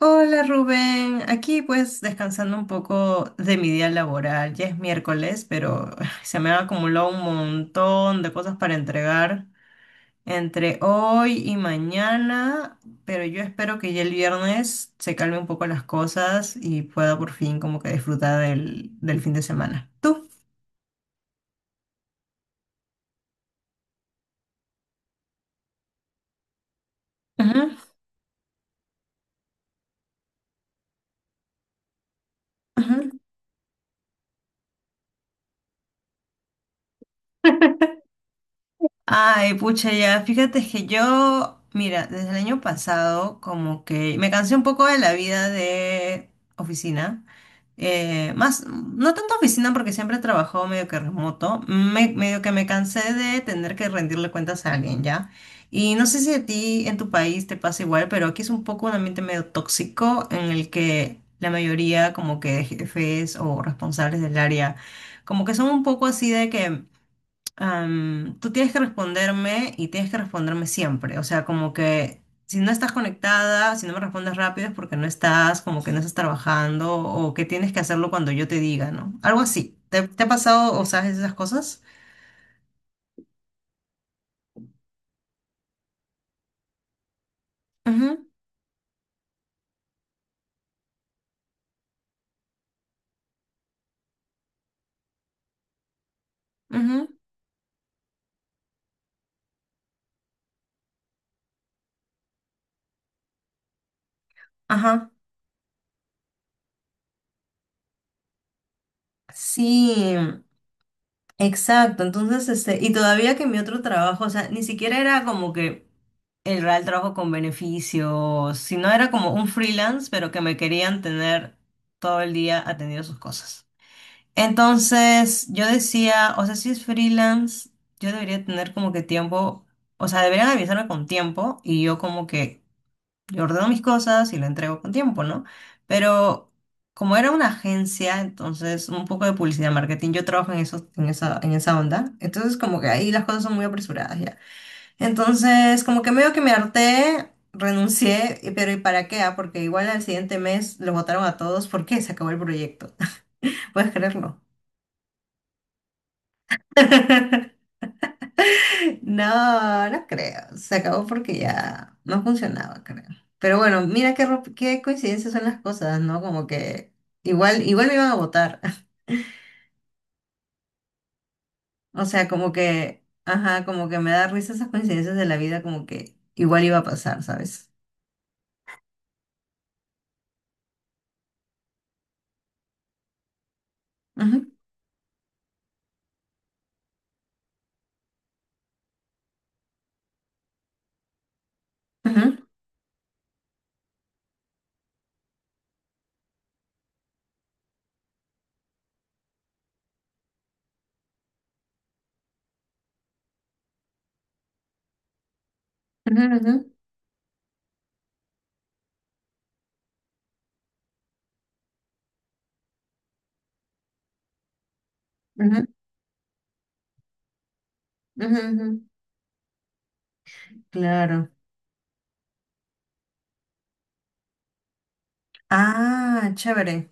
Hola Rubén, aquí pues descansando un poco de mi día laboral. Ya es miércoles, pero se me ha acumulado un montón de cosas para entregar entre hoy y mañana, pero yo espero que ya el viernes se calme un poco las cosas y pueda por fin como que disfrutar del fin de semana. ¿Tú? Ujú, ujú. Ay, pucha, ya, fíjate que yo, mira, desde el año pasado como que me cansé un poco de la vida de oficina. Más, no tanto oficina porque siempre he trabajado medio que remoto, medio que me cansé de tener que rendirle cuentas a alguien, ¿ya? Y no sé si a ti en tu país te pasa igual, pero aquí es un poco un ambiente medio tóxico en el que la mayoría como que de jefes o responsables del área como que son un poco así de que tú tienes que responderme y tienes que responderme siempre. O sea, como que si no estás conectada, si no me respondes rápido es porque no estás, como que no estás trabajando o que tienes que hacerlo cuando yo te diga, ¿no? Algo así. ¿Te ha pasado o sabes esas cosas? Ujú, ujú, ajá. Sí. Exacto, entonces, este, y todavía que mi otro trabajo, o sea, ni siquiera era como que el real trabajo con beneficios, sino era como un freelance, pero que me querían tener todo el día atendiendo sus cosas. Entonces, yo decía, o sea, si es freelance, yo debería tener como que tiempo, o sea, deberían avisarme con tiempo y yo como que yo ordeno mis cosas y lo entrego con tiempo, ¿no? Pero como era una agencia, entonces un poco de publicidad, marketing, yo trabajo en eso, en esa onda, entonces como que ahí las cosas son muy apresuradas ya. Entonces como que medio que me harté, renuncié, pero ¿y para qué? ¿Ah? Porque igual al siguiente mes los votaron a todos porque se acabó el proyecto. ¿Puedes creerlo? No, no creo. Se acabó porque ya no funcionaba, creo. Pero bueno, mira qué, qué coincidencias son las cosas, ¿no? Como que igual, igual me iban a votar. O sea, como que, ajá, como que me da risa esas coincidencias de la vida, como que igual iba a pasar, ¿sabes? Ujú, ujú, ujú, ujú, ujú, ujú, ujú. Claro. Ah, chévere.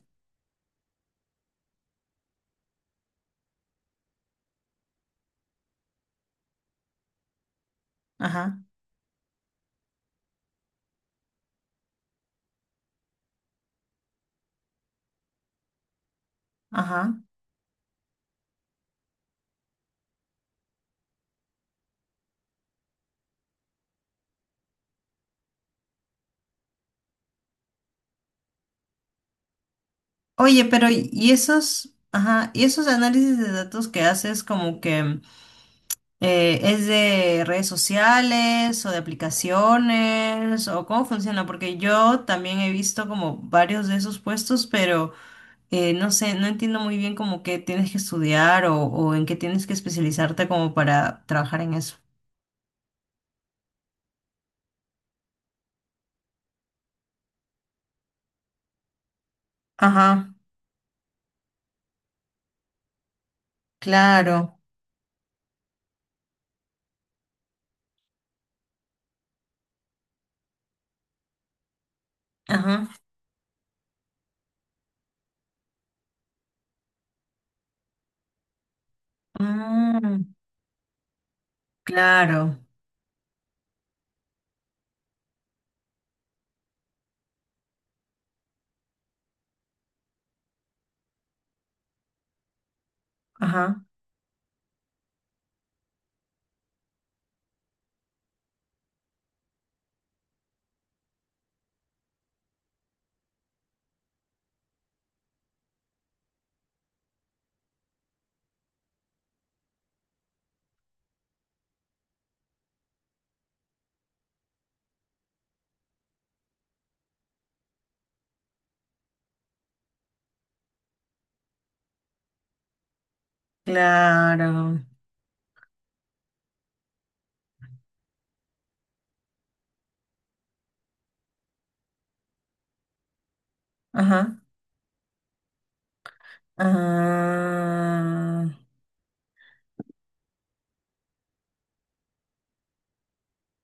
Ajá, ajá. Oye, pero ¿y esos, ajá, y esos análisis de datos que haces como que... ¿Es de redes sociales o de aplicaciones o cómo funciona? Porque yo también he visto como varios de esos puestos, pero no sé, no entiendo muy bien como qué tienes que estudiar o en qué tienes que especializarte como para trabajar en eso. Ajá, claro. Ajá. Mm, claro. Ajá, claro. Ajá. Ah,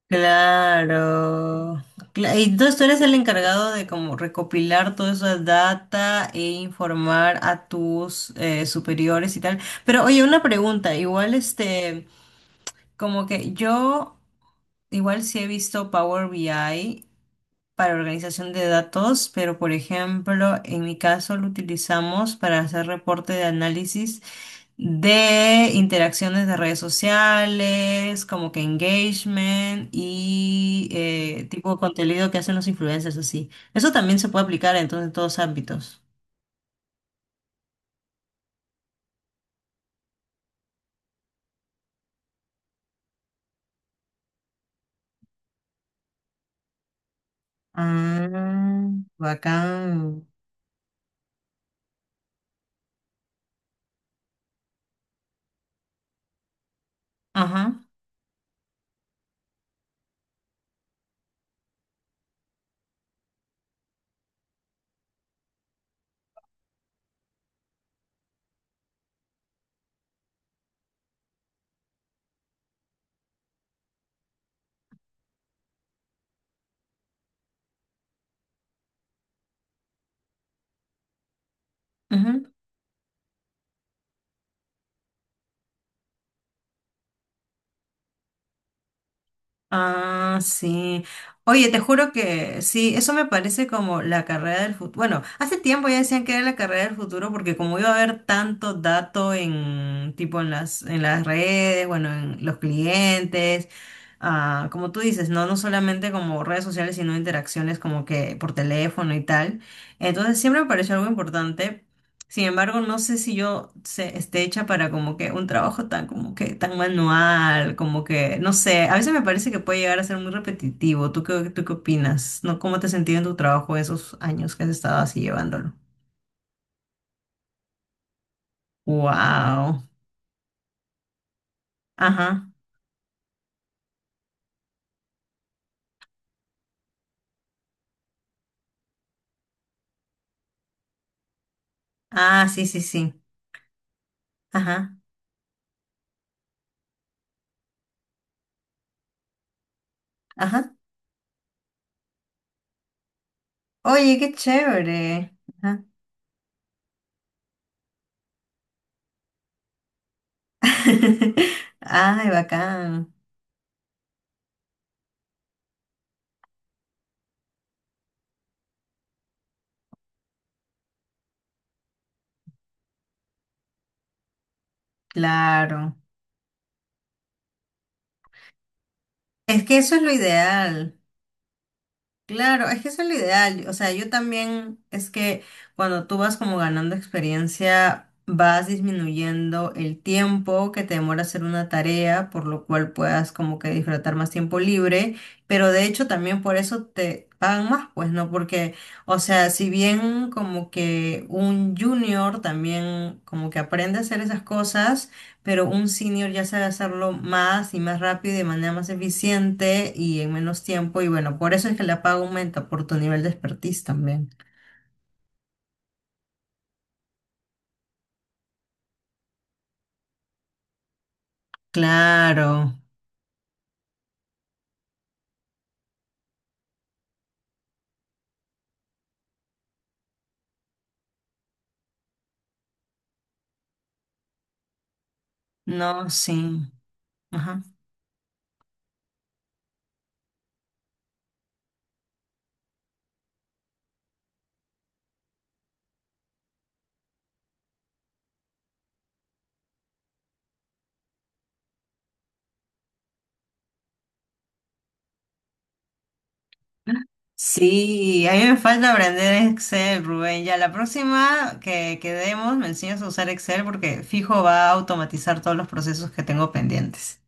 claro. Entonces tú eres el encargado de como recopilar toda esa data e informar a tus superiores y tal. Pero oye, una pregunta, igual este, como que yo igual sí he visto Power BI para organización de datos, pero por ejemplo, en mi caso lo utilizamos para hacer reporte de análisis de interacciones de redes sociales, como que engagement y tipo de contenido que hacen los influencers así. Eso también se puede aplicar entonces en todos ámbitos. Ah, bacán. Ajá. Ujú. Ah, sí. Oye, te juro que sí, eso me parece como la carrera del futuro. Bueno, hace tiempo ya decían que era la carrera del futuro porque como iba a haber tanto dato en tipo en las redes, bueno, en los clientes, ah, como tú dices, no solamente como redes sociales, sino interacciones como que por teléfono y tal. Entonces siempre me pareció algo importante, sin embargo, no sé si yo se, esté hecha para como que un trabajo tan como que tan manual, como que, no sé, a veces me parece que puede llegar a ser muy repetitivo. ¿Tú qué opinas? ¿No? ¿Cómo te has sentido en tu trabajo esos años que has estado así llevándolo? Wow. Ajá. Ah, sí, sí, sí. Ajá. Ajá. Oye, qué chévere. Ajá. Ay, bacán. Claro. Es que eso es lo ideal. Claro, es que eso es lo ideal. O sea, yo también es que cuando tú vas como ganando experiencia, vas disminuyendo el tiempo que te demora hacer una tarea, por lo cual puedas como que disfrutar más tiempo libre, pero de hecho también por eso te pagan más, pues, ¿no? Porque, o sea, si bien como que un junior también como que aprende a hacer esas cosas, pero un senior ya sabe hacerlo más y más rápido y de manera más eficiente y en menos tiempo. Y bueno, por eso es que la paga aumenta por tu nivel de expertise también. Claro, no, sí. Ajá. Sí, a mí me falta aprender Excel, Rubén. Ya la próxima que quedemos me enseñas a usar Excel porque fijo va a automatizar todos los procesos que tengo pendientes.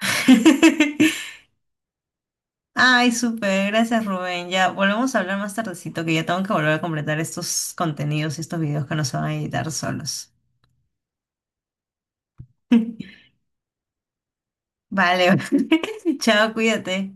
Ay, súper, gracias Rubén. Ya volvemos a hablar más tardecito, que ya tengo que volver a completar estos contenidos y estos videos que no se van a editar solos. Vale, chao, cuídate.